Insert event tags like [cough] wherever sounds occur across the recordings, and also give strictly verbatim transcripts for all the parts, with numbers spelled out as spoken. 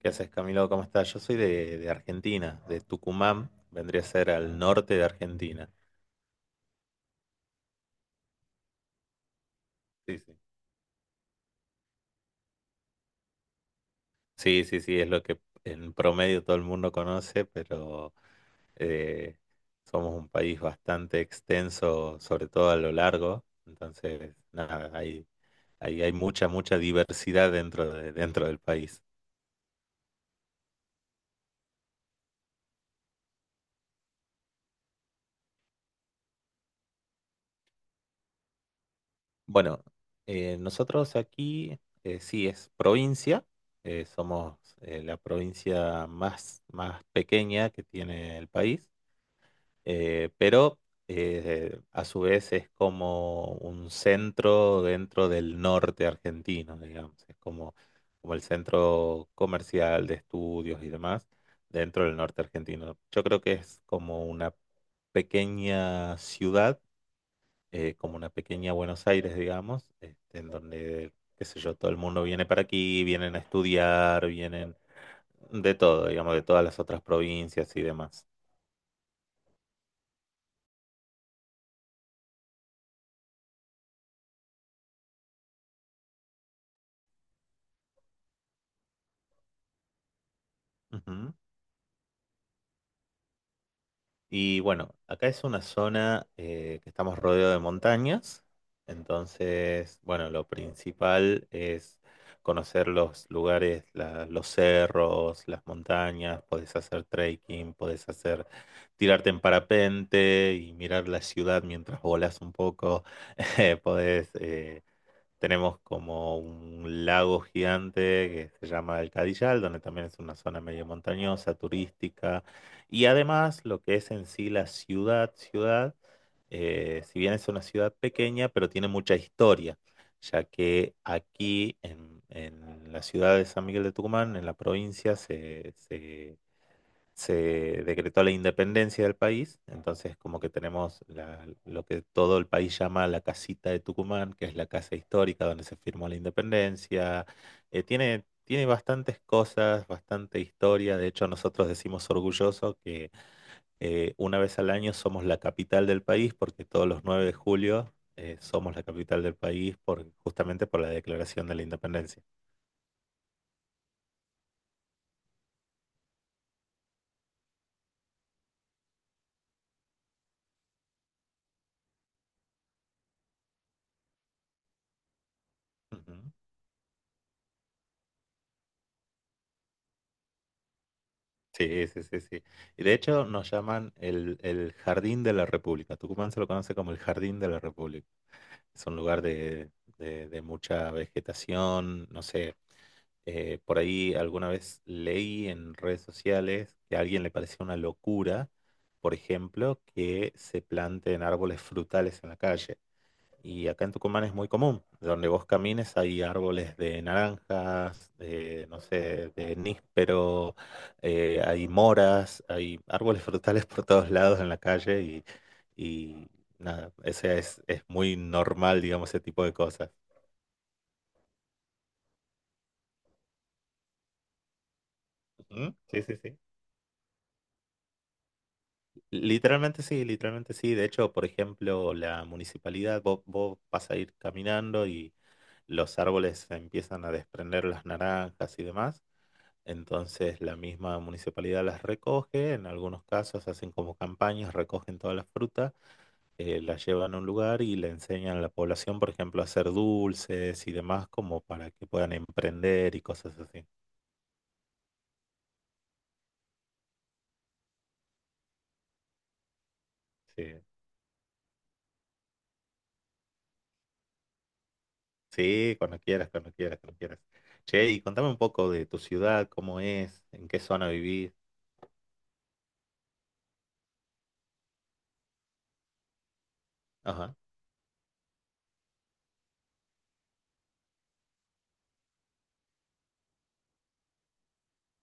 ¿Qué haces, Camilo? ¿Cómo estás? Yo soy de, de Argentina, de Tucumán, vendría a ser al norte de Argentina. Sí, sí. Sí, sí, sí, es lo que en promedio todo el mundo conoce, pero eh, somos un país bastante extenso, sobre todo a lo largo. Entonces, nada, hay, hay, hay mucha, mucha diversidad dentro de, dentro del país. Bueno, eh, nosotros aquí eh, sí es provincia, eh, somos eh, la provincia más, más pequeña que tiene el país, eh, pero eh, a su vez es como un centro dentro del norte argentino, digamos, es como, como el centro comercial de estudios y demás dentro del norte argentino. Yo creo que es como una pequeña ciudad eh, como una pequeña Buenos Aires, digamos, este, en donde, qué sé yo, todo el mundo viene para aquí, vienen a estudiar, vienen de todo, digamos, de todas las otras provincias y demás. Ujú. Y bueno, acá es una zona eh, que estamos rodeados de montañas, entonces, bueno, lo principal es conocer los lugares, la- los cerros, las montañas, podés hacer trekking, podés hacer, tirarte en parapente y mirar la ciudad mientras volás un poco, [laughs] eh, podés, eh, tenemos como un lago gigante que se llama el Cadillal, donde también es una zona medio montañosa, turística. Y además, lo que es en sí la ciudad, ciudad, eh, si bien es una ciudad pequeña, pero tiene mucha historia, ya que aquí en, en la ciudad de San Miguel de Tucumán, en la provincia, se se se decretó la independencia del país, entonces como que tenemos la- lo que todo el país llama la casita de Tucumán, que es la casa histórica donde se firmó la independencia. Eh, tiene, tiene bastantes cosas, bastante historia, de hecho nosotros decimos orgulloso que eh, una vez al año somos la capital del país porque todos los nueve de julio eh, somos la capital del país por, justamente por la declaración de la independencia. Ujú. Sí, sí, sí, sí. Y de hecho nos llaman el, el Jardín de la República. Tucumán se lo conoce como el Jardín de la República. Es un lugar de, de- de mucha vegetación, no sé. Eh, por ahí alguna vez leí en redes sociales que a alguien le parecía una locura, por ejemplo, que se planten árboles frutales en la calle. Y acá en Tucumán es muy común. Donde vos camines hay árboles de naranjas, de, no sé, de níspero, eh, hay moras, hay árboles frutales por todos lados en la calle y, y nada, ese es, es muy normal, digamos, ese tipo de cosas. Ujú, sí, sí, sí. Literalmente sí, literalmente sí. De hecho, por ejemplo, la municipalidad, vos, vos vas a ir caminando y los árboles empiezan a desprender las naranjas y demás. Entonces la misma municipalidad las recoge, en algunos casos hacen como campañas, recogen toda la fruta, eh, la llevan a un lugar y le enseñan a la población, por ejemplo, a hacer dulces y demás, como para que puedan emprender y cosas así. Sí, sí, cuando quieras, cuando quieras, cuando quieras. Che, y contame un poco de tu ciudad, cómo es, en qué zona vivís. Ajá,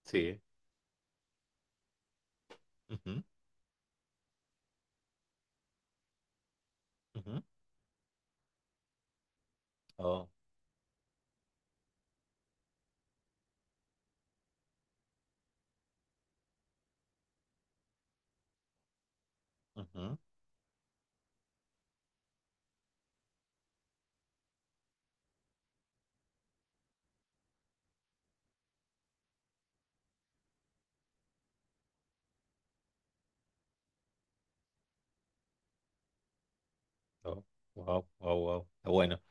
sí. Ujú, ujú. Oh, ujú, oh, wow, wow, wow. Está bueno.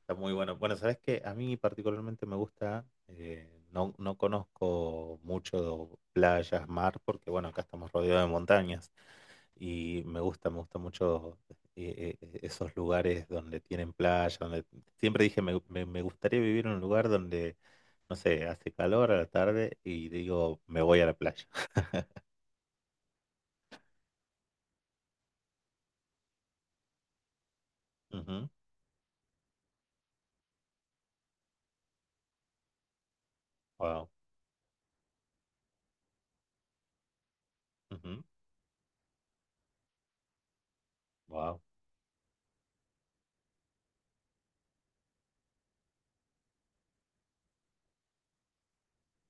Está muy bueno. Bueno, sabes que a mí particularmente me gusta, eh, no, no conozco mucho playas, mar, porque bueno, acá estamos rodeados de montañas y me gusta, me gusta mucho eh, eh, esos lugares donde tienen playa, donde siempre dije me, me- me gustaría vivir en un lugar donde, no sé, hace calor a la tarde y digo, me voy a la playa. [laughs] Ujú, wow. Ujú, wow.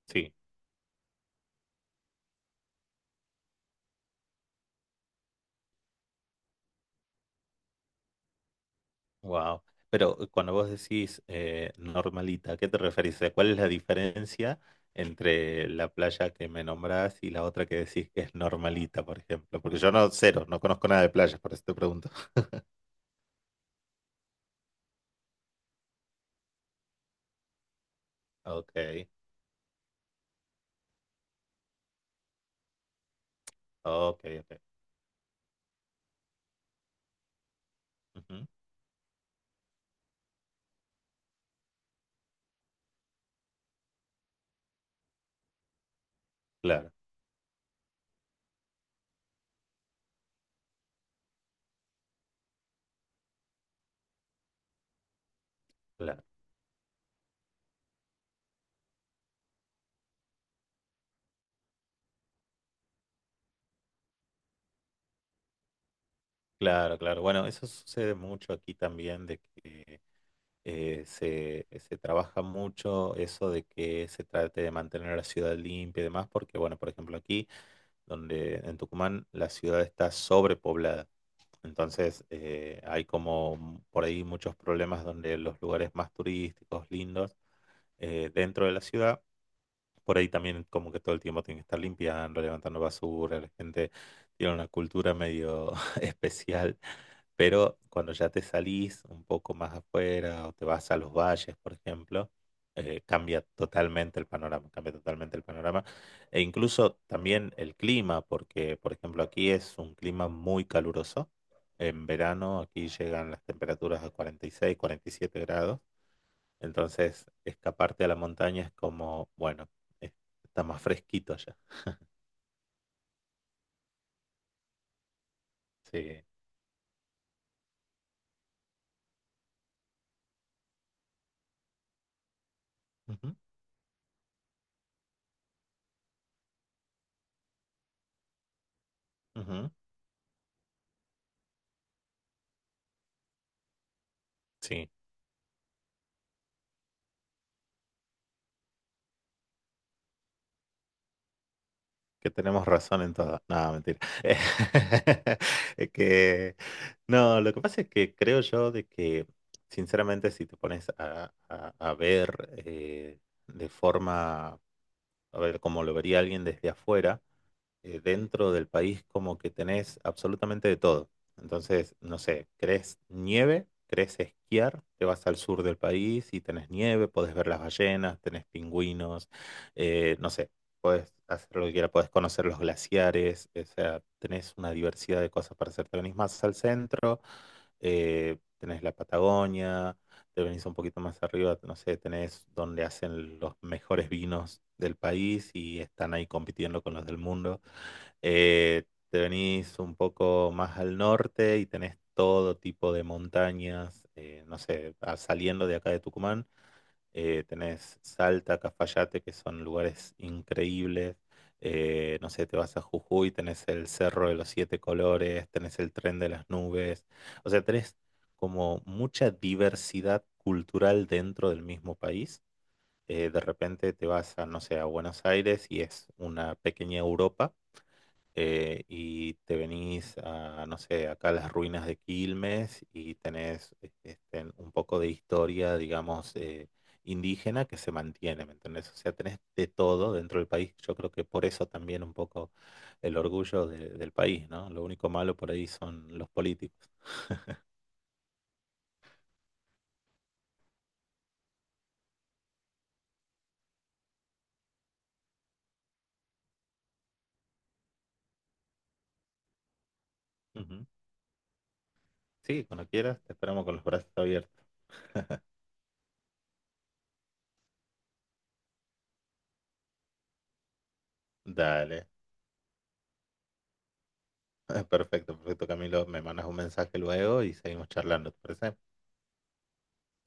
Sí. Wow. Pero eh, cuando vos decís eh, normalita, ¿a qué te referís? O sea, ¿cuál es la diferencia entre la playa que me nombrás y la otra que decís que es normalita, por ejemplo? Porque yo no, cero, no conozco nada de playas, por eso te pregunto. [laughs] Ok, ok, ok. Ujú. Claro, claro, claro, claro. Bueno, eso sucede mucho aquí también de que eh, se, se trabaja mucho eso de que se trate de mantener la ciudad limpia y demás, porque, bueno, por ejemplo, aquí, donde en Tucumán, la ciudad está sobrepoblada. Entonces, eh, hay como por ahí muchos problemas donde los lugares más turísticos, lindos, eh, dentro de la ciudad, por ahí también como que todo el tiempo tienen que estar limpiando, levantando basura, la gente tiene una cultura medio [laughs] especial, pero cuando ya te salís un poco más afuera o te vas a los valles, por ejemplo, eh, cambia totalmente el panorama, cambia totalmente el panorama e incluso también el clima, porque por ejemplo aquí es un clima muy caluroso. En verano aquí llegan las temperaturas a cuarenta y seis, cuarenta y siete grados, entonces, escaparte a la montaña es como, bueno, es- está más fresquito allá. Sí. Ujú, ujú. Sí, que tenemos razón en todo. No, mentira. [laughs] Es que, no, lo que pasa es que creo yo de que, sinceramente, si te pones a, a- a ver eh, de forma, a ver, como lo vería alguien desde afuera, eh, dentro del país como que tenés absolutamente de todo. Entonces, no sé, querés nieve, querés esquiar, te vas al sur del país y tenés nieve, podés ver las ballenas, tenés pingüinos, eh, no sé, podés hacer lo que quieras, podés conocer los glaciares, o sea, tenés una diversidad de cosas para hacer. Te venís más al centro, eh, tenés la Patagonia, te venís un poquito más arriba, no sé, tenés donde hacen los mejores vinos del país y están ahí compitiendo con los del mundo. Eh, te venís un poco más al norte y tenés todo tipo de montañas, eh, no sé, a- saliendo de acá de Tucumán, eh, tenés Salta, Cafayate, que son lugares increíbles. Eh, no sé, te vas a Jujuy, tenés el Cerro de los Siete Colores, tenés el Tren de las Nubes. O sea, tenés como mucha diversidad cultural dentro del mismo país. Eh, de repente te vas a, no sé, a Buenos Aires y es una pequeña Europa eh, y te venís a, no sé, acá a las ruinas de Quilmes y tenés eh, este, un poco de historia, digamos, eh, indígena que se mantiene, ¿me entendés? O sea, tenés de todo dentro del país. Yo creo que por eso también un poco el orgullo de- del país, ¿no? Lo único malo por ahí son los políticos. Ujú. Sí, cuando quieras, te esperamos con los brazos abiertos. Dale. [laughs] Perfecto, perfecto, Camilo. Me mandas un mensaje luego y seguimos charlando, ¿te parece?